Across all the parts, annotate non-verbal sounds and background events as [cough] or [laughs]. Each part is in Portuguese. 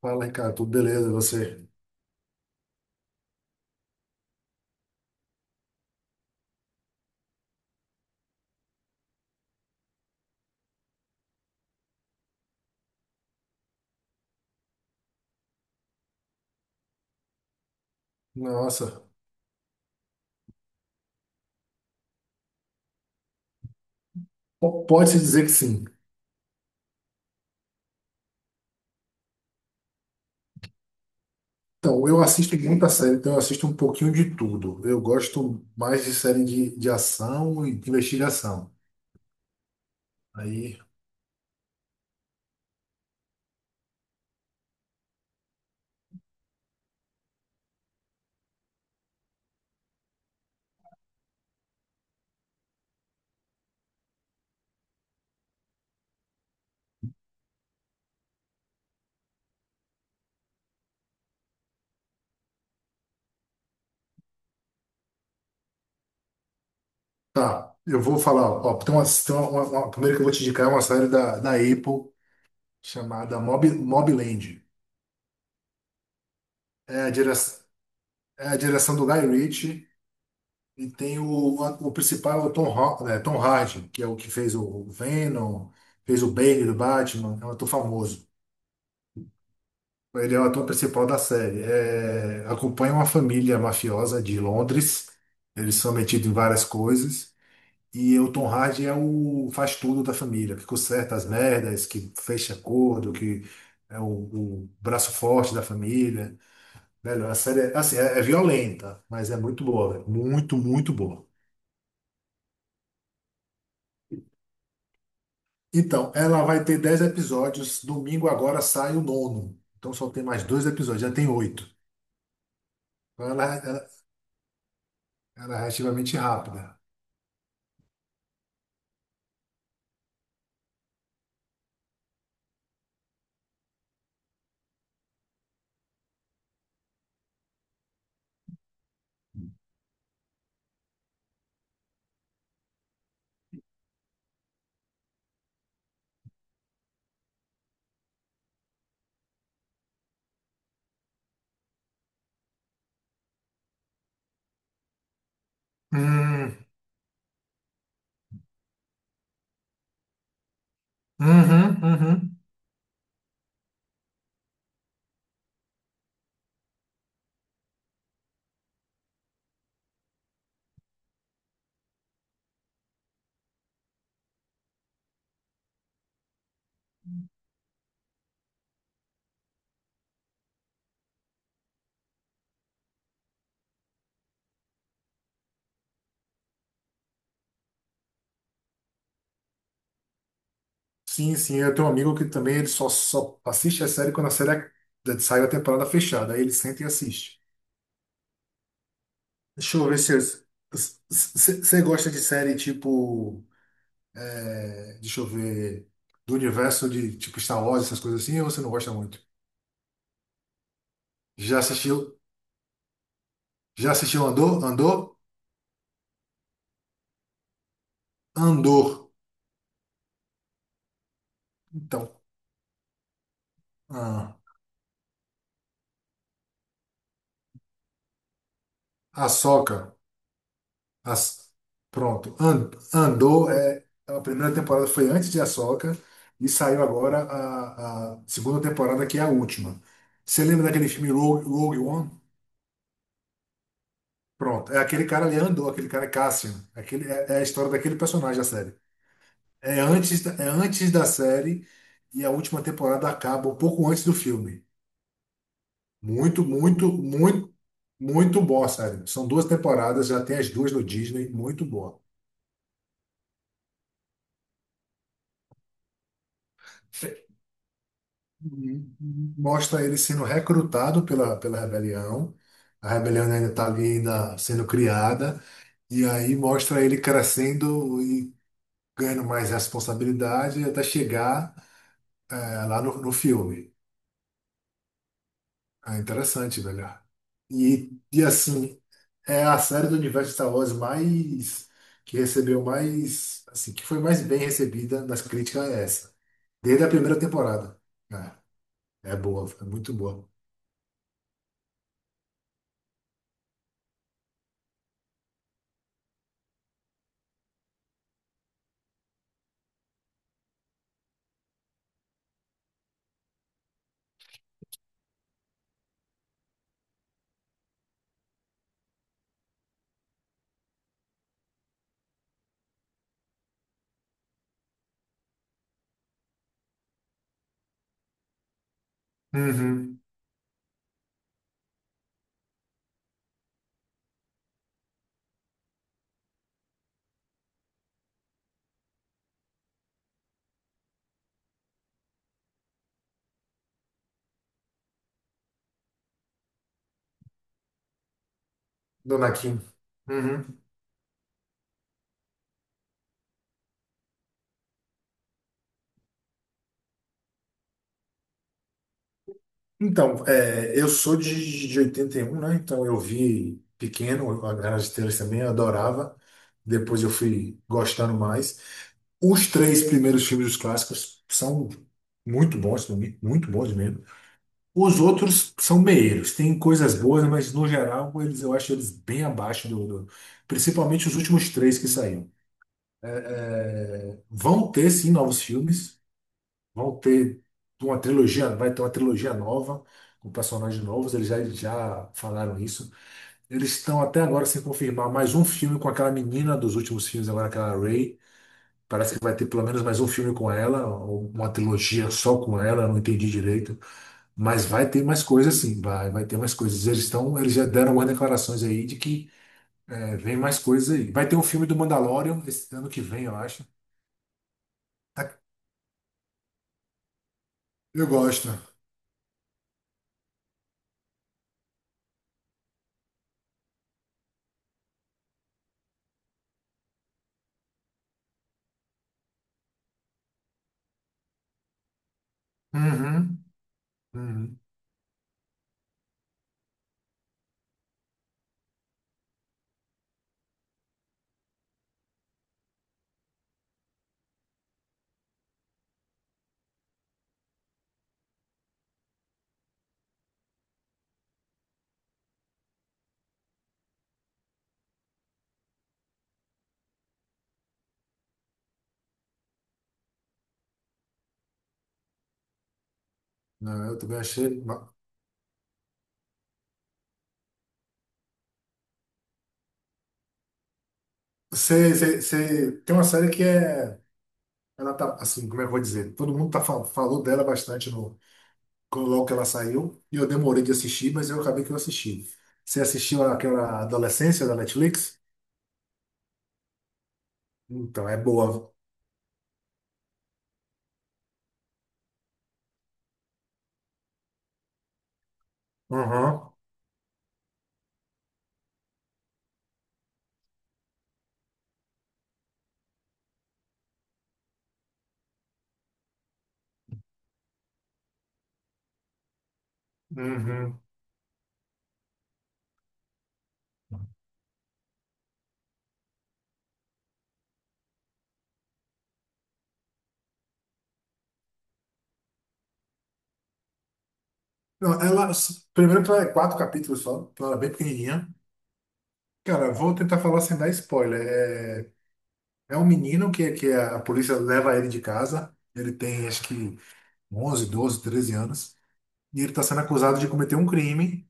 Fala, Ricardo, tudo beleza, e você? Nossa, pode-se dizer que sim. Então, eu assisto muita série, então eu assisto um pouquinho de tudo. Eu gosto mais de série de ação e de investigação. Aí, tá, eu vou falar, ó, tem uma primeiro que eu vou te indicar é uma série da Apple chamada Mobland. É a, dire, É a direção do Guy Ritchie e tem o principal, é o Tom Hardy, que é o que fez o Venom, fez o Bane do Batman, é um ator famoso. Ele é o ator principal da série. É, acompanha uma família mafiosa de Londres. Eles são metidos em várias coisas. E o Tom Hardy é o faz tudo da família, que conserta as merdas, que fecha acordo, que é o braço forte da família. Velho, a série é, assim, é violenta, mas é muito boa, velho. Muito, muito boa. Então, ela vai ter 10 episódios. Domingo agora sai o nono. Então só tem mais dois episódios, já tem oito. Então ela é relativamente rápida. Hum, uhum, uhum. Sim, sim, eu tenho um amigo que também ele só assiste a série quando a série saiu a temporada fechada. Aí ele senta e assiste. Deixa eu ver se você gosta de série tipo. Deixa eu ver. Do universo de tipo Star Wars, essas coisas assim, ou você não gosta muito? Já assistiu? Já assistiu Andor? Andor? Andor. Então, a Ahsoka. As, Pronto. Andor é. A primeira temporada foi antes de Ahsoka e saiu agora a segunda temporada, que é a última. Você lembra daquele filme Rogue One? Pronto. É aquele cara ali, Andor, aquele cara é Cassian. Aquele, é a história daquele personagem da série. É antes da série e a última temporada acaba um pouco antes do filme. Muito, muito, muito, muito boa, sério. São duas temporadas, já tem as duas no Disney, muito boa. Fe- Mostra ele sendo recrutado pela rebelião. A rebelião ainda está ali ainda sendo criada. E aí mostra ele crescendo e ganhando mais responsabilidade até chegar lá no filme. É interessante, velho. E assim, é a série do universo Star Wars mais que recebeu mais, assim, que foi mais bem recebida nas críticas é essa. Desde a primeira temporada. É, é boa, é muito boa. Uhum. Dona Kim. Uhum. Então, é, eu sou de oitenta e um, né? Então eu vi pequeno, a Guerra nas Estrelas também, eu adorava. Depois eu fui gostando mais. Os três primeiros filmes dos clássicos são muito bons, muito bons mesmo. Os outros são meios, tem coisas boas, mas no geral eles, eu acho eles bem abaixo do principalmente os últimos três que saíram. Vão ter sim novos filmes, vão ter uma trilogia, vai ter uma trilogia nova com personagens novos, já falaram isso. Eles estão até agora sem confirmar mais um filme com aquela menina dos últimos filmes, agora aquela Ray. Parece que vai ter pelo menos mais um filme com ela, ou uma trilogia só com ela, eu não entendi direito. Mas vai ter mais coisas sim, vai ter mais coisas. Eles já deram algumas declarações aí de que é, vem mais coisas aí. Vai ter um filme do Mandalorian esse ano que vem, eu acho. Tá. Eu gosto. Uhum, uhum. Não, eu também achei. Você tem uma série que é. Ela tá, assim, como é que eu vou dizer? Todo mundo tá, falou dela bastante no, quando logo que ela saiu. E eu demorei de assistir, mas eu acabei que eu assisti. Você assistiu aquela Adolescência da Netflix? Então, é boa. Uhum. Uhum. Não, ela. Primeiro que ela é quatro capítulos só, então ela é bem pequenininha. Cara, vou tentar falar sem dar spoiler. É, é um menino que a polícia leva ele de casa. Ele tem acho que 11, 12, 13 anos. E ele está sendo acusado de cometer um crime.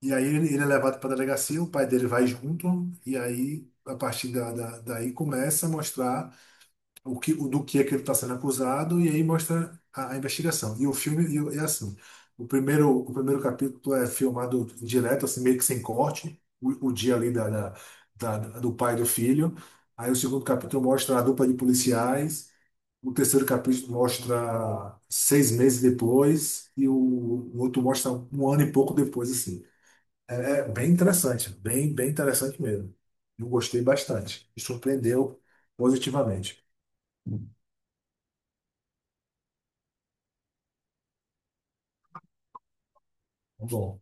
E aí ele é levado para a delegacia, o pai dele vai junto. E aí, a partir daí, começa a mostrar. O o do que é que ele está sendo acusado, e aí mostra a investigação. E o filme e o- É assim: o primeiro capítulo é filmado direto, assim, meio que sem corte, o dia ali do pai e do filho. Aí o segundo capítulo mostra a dupla de policiais. O terceiro capítulo mostra seis meses depois e o outro mostra um ano e pouco depois, assim. É, é bem interessante, bem, bem interessante mesmo. Eu gostei bastante. Me surpreendeu positivamente. Bom.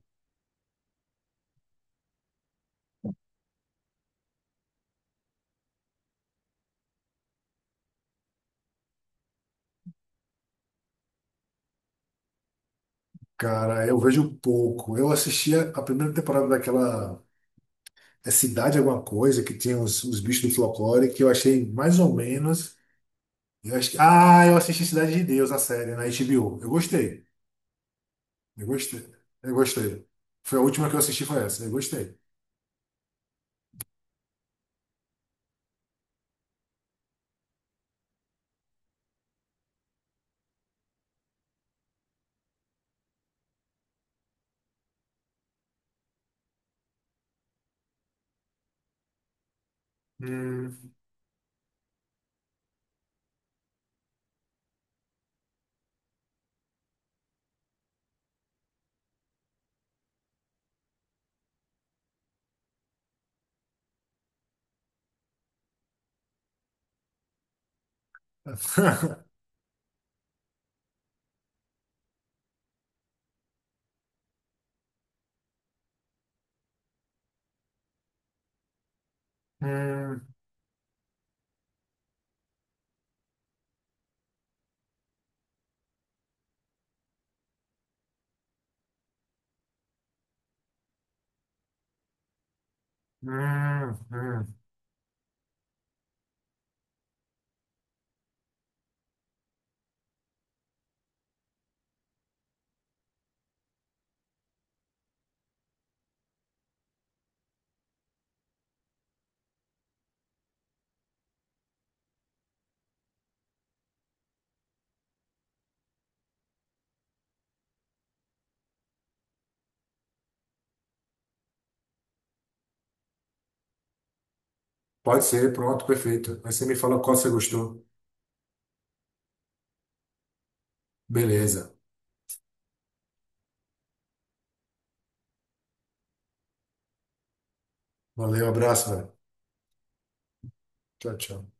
Cara, eu vejo pouco. Eu assistia a primeira temporada daquela Cidade Alguma Coisa, que tinha os bichos do folclore, que eu achei mais ou menos. Ah, eu assisti Cidade de Deus, a série, na HBO. Eu gostei. Eu gostei. Eu gostei. Foi a última que eu assisti, foi essa. Eu gostei. Hum. [laughs] Hum, hum. Pode ser, pronto, perfeito. Aí você me fala qual você gostou. Beleza. Valeu, abraço, velho. Tchau, tchau.